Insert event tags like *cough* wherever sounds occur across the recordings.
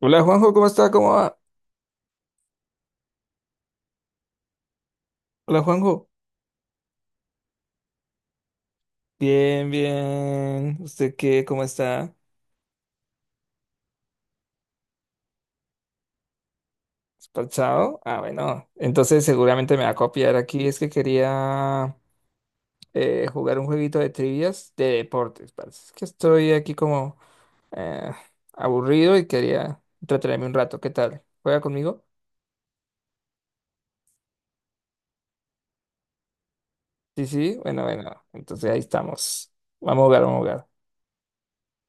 Hola Juanjo, ¿cómo está? ¿Cómo va? Hola Juanjo. Bien, bien. ¿Usted qué? ¿Cómo está? ¿Despachado? Ah, bueno. Entonces seguramente me va a copiar aquí. Es que quería jugar un jueguito de trivias de deportes, parce. Es que estoy aquí como eh, aburrido y quería entretenerme un rato. ¿Qué tal? ¿Juega conmigo? Sí, sí. Bueno, bueno. Entonces ahí estamos. Vamos a jugar, vamos a jugar.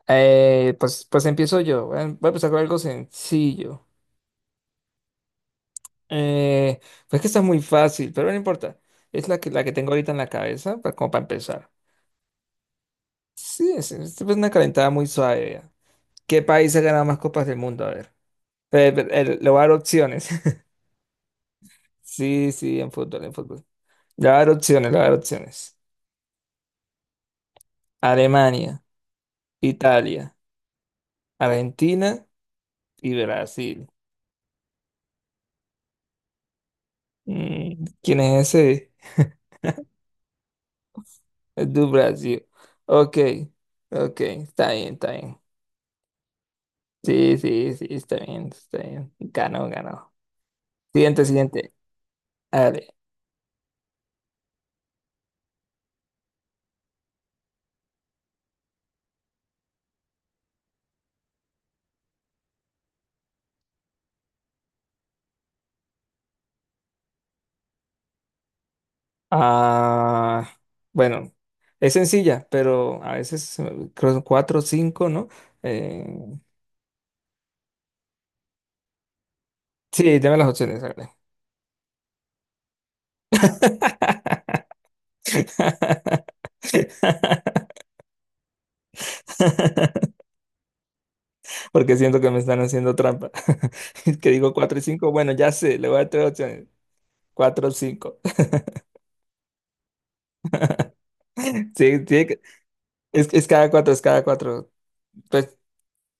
Pues empiezo yo. Voy a empezar con algo sencillo. Eh, pues que está muy fácil, pero no importa. Es la que tengo ahorita en la cabeza, como para empezar. Sí, es una calentada muy suave, ya. ¿Qué país ha ganado más copas del mundo? A ver. Le voy a dar opciones. *laughs* Sí, sí, en fútbol, en fútbol. Le voy a dar opciones, le voy a dar opciones. Alemania, Italia, Argentina y Brasil. Mm, ¿quién es ese? Es de Brasil. Ok, ok, está bien, está bien. Sí, sí, sí, está bien, está bien. Ganó, ganó. Siguiente, siguiente. Dale. Ah, bueno, es sencilla, pero a veces creo que son cuatro o cinco, ¿no? Eh, sí, dame las opciones, dale. *laughs* Porque siento que me están haciendo trampa. *laughs* Es que digo cuatro y cinco. Bueno, ya sé, le voy a dar tres opciones. Cuatro o cinco. *laughs* Sí, tiene que- es cada cuatro, es cada cuatro. Pues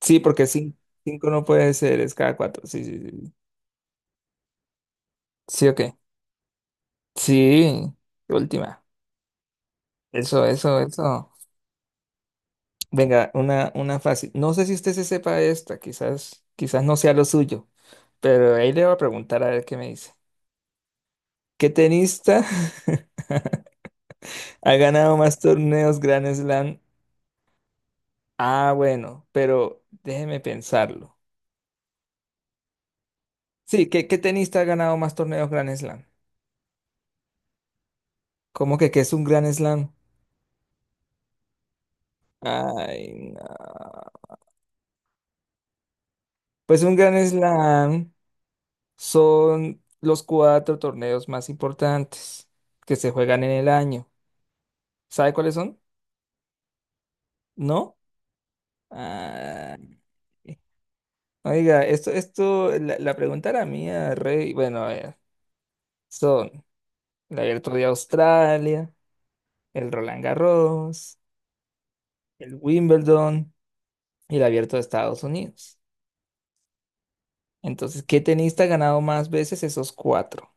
sí, porque cinco no puede ser, es cada cuatro. Sí, sí, sí. Sí, ok. Sí, última. Eso, eso, eso. Venga, una fácil. No sé si usted se sepa esta, quizás, quizás no sea lo suyo, pero ahí le voy a preguntar a ver qué me dice. ¿Qué tenista *laughs* ha ganado más torneos Grand Slam? Ah, bueno, pero déjeme pensarlo. Sí, ¿qué, qué tenista ha ganado más torneos Grand Slam? ¿Cómo que qué es un Grand Slam? Ay, no. Pues un Grand Slam. Son los cuatro torneos más importantes que se juegan en el año. ¿Sabe cuáles son? ¿No? Ah, oiga, esto, la pregunta era mía, Rey. Bueno, a ver, son el Abierto de Australia, el Roland Garros, el Wimbledon y el Abierto de Estados Unidos. Entonces, ¿qué tenista ha ganado más veces esos cuatro?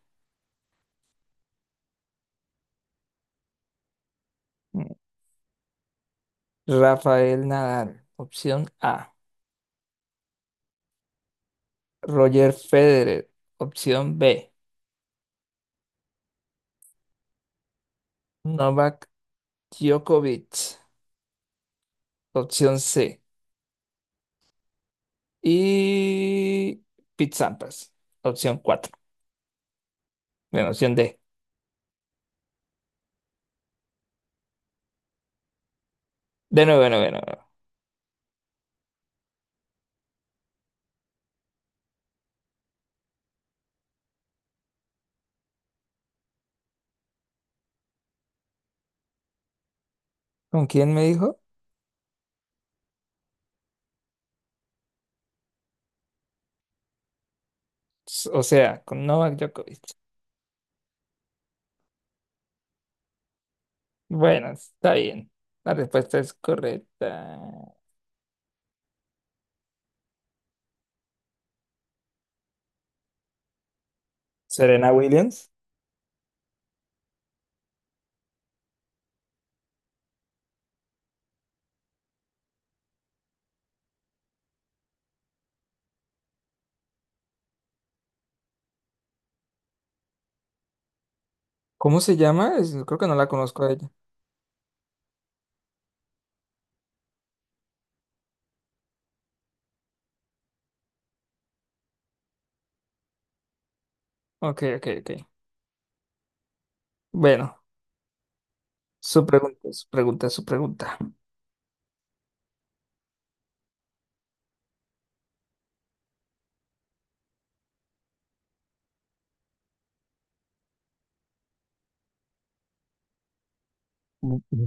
Mm. Rafael Nadal, opción A. Roger Federer, opción B. Novak Djokovic, opción C. Y Pete Sampras, opción cuatro. Bueno, opción D. De nuevo, de nuevo, de nuevo. ¿Con quién me dijo? O sea, con Novak Djokovic. Bueno, está bien. La respuesta es correcta. Serena Williams. ¿Cómo se llama? Creo que no la conozco a ella. Ok, ok, ok. Bueno, su pregunta, su pregunta, su pregunta. Mm, mm.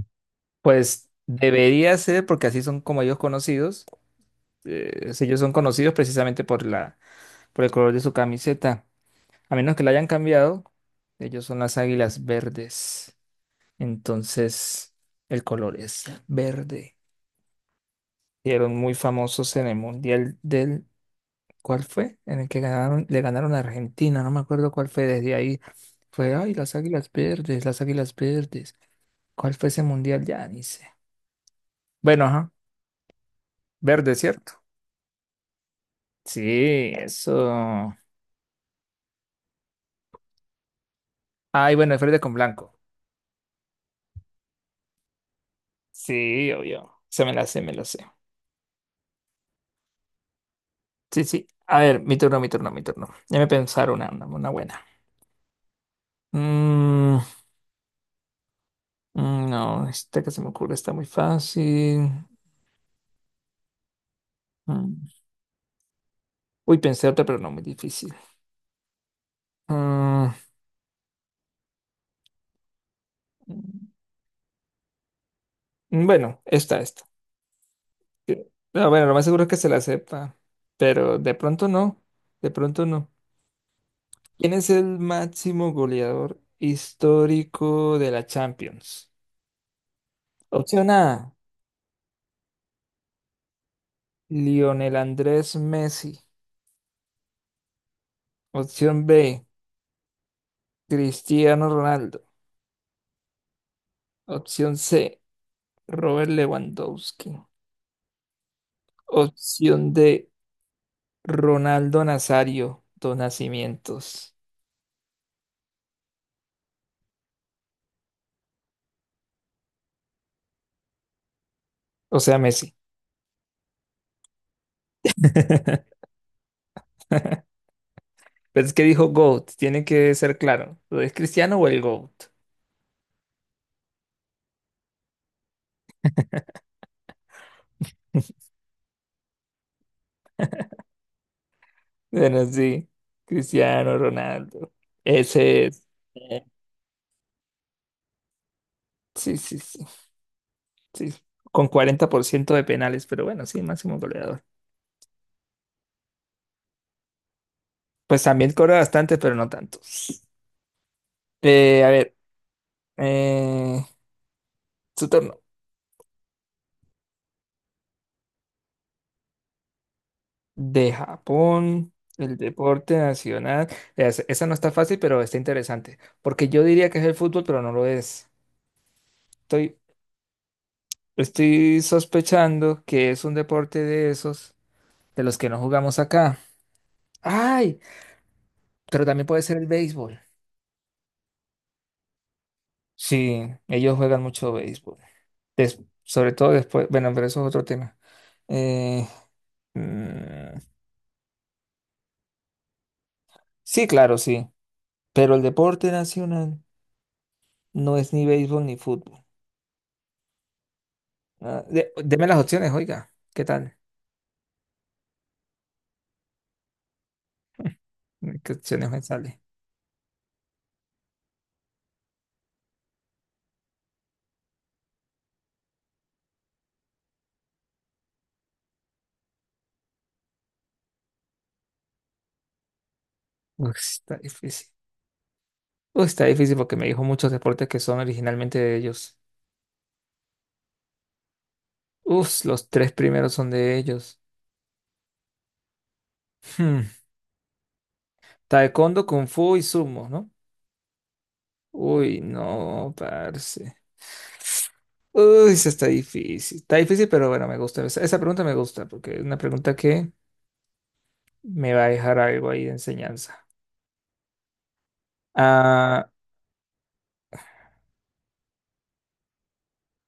Pues debería ser, porque así son como ellos conocidos, si ellos son conocidos precisamente por la, por el color de su camiseta. A menos que la hayan cambiado, ellos son las águilas verdes. Entonces, el color es verde. Fueron muy famosos en el Mundial del... ¿Cuál fue? En el que ganaron, le ganaron a Argentina, no me acuerdo cuál fue. Desde ahí fue, ay, las águilas verdes, las águilas verdes. ¿Cuál fue ese Mundial? Ya ni sé. Bueno, ajá, verde, ¿cierto? Sí, eso. Ay, bueno, es verde con blanco. Sí, obvio. Se me la sé, me la sé. Sí, sí. A ver, mi turno, mi turno, mi turno. Déjame pensar una buena. Mm, mm, no, esta que se me ocurre está muy fácil. Mm. Uy, pensé otra, pero no muy difícil. Mm, mm, bueno, esta, esta. Eh, no, bueno, lo más seguro es que se la sepa, pero de pronto no. De pronto no. ¿Quién es el máximo goleador histórico de la Champions? Opción A, Lionel Andrés Messi. Opción B, Cristiano Ronaldo. Opción C, Robert Lewandowski. Opción D, Ronaldo Nazario dos Nacimientos. O sea, Messi. *laughs* Pero es que dijo GOAT, tiene que ser claro. ¿Lo es Cristiano o el GOAT? Bueno, sí, Cristiano Ronaldo. Ese es. Eh, Sí, sí, sí, sí. Con 40% de penales, pero bueno, sí, máximo goleador. Pues también cobra bastante, pero no tantos. Eh, a ver, Eh, su turno. De Japón, el deporte nacional. Esa no está fácil, pero está interesante. Porque yo diría que es el fútbol, pero no lo es. Estoy, estoy sospechando que es un deporte de esos, de los que no jugamos acá. ¡Ay! Pero también puede ser el béisbol. Sí, ellos juegan mucho béisbol. Sobre todo después. Bueno, pero eso es otro tema. Eh, mm, sí, claro, sí. Pero el deporte nacional no es ni béisbol ni fútbol. Ah, deme las opciones, oiga. ¿Qué tal? *laughs* ¿Qué opciones me sale? Uf, está difícil. Uf, está difícil porque me dijo muchos deportes que son originalmente de ellos. Uf, los tres primeros son de ellos. Hmm, Taekwondo, Kung Fu y Sumo, ¿no? Uy, no, parce. Uy, eso está difícil. Está difícil, pero bueno, me gusta. Esa pregunta me gusta porque es una pregunta que me va a dejar algo ahí de enseñanza. Ah.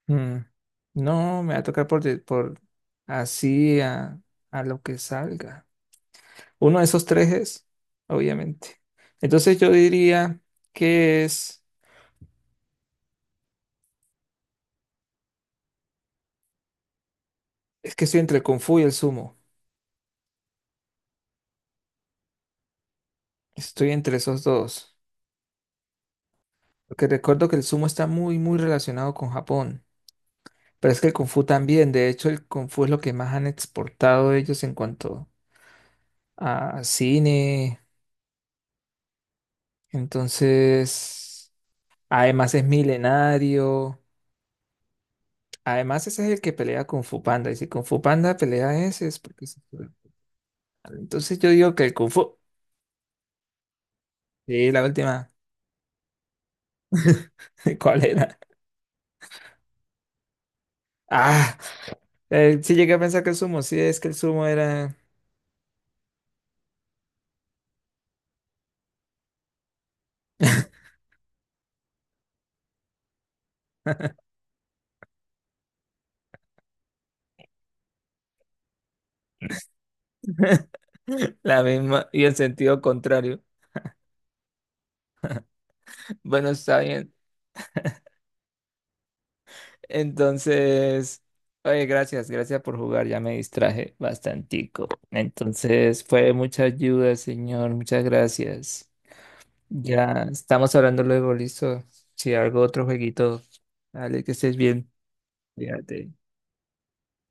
Mm, no, me va a tocar por, por así a lo que salga. Uno de esos tres es, obviamente. Entonces yo diría que es que estoy entre el Kung Fu y el Sumo. Estoy entre esos dos. Porque recuerdo que el Sumo está muy, muy relacionado con Japón. Pero es que el Kung Fu también. De hecho, el Kung Fu es lo que más han exportado ellos en cuanto a cine. Entonces, además es milenario. Además, ese es el que pelea con Fu Panda. Y si Kung Fu Panda pelea ese, es porque se fue. Entonces yo digo que el Kung Fu. Sí, la última. *laughs* ¿Cuál era? Ah, sí llegué a pensar que el sumo. Sí, es que el sumo era *laughs* la misma y en sentido contrario. Bueno, está bien. Entonces, oye, gracias, gracias por jugar. Ya me distraje bastantico. Entonces, fue mucha ayuda, señor. Muchas gracias. Ya estamos hablando luego, listo. Si algo, otro jueguito. Dale, que estés bien. Fíjate.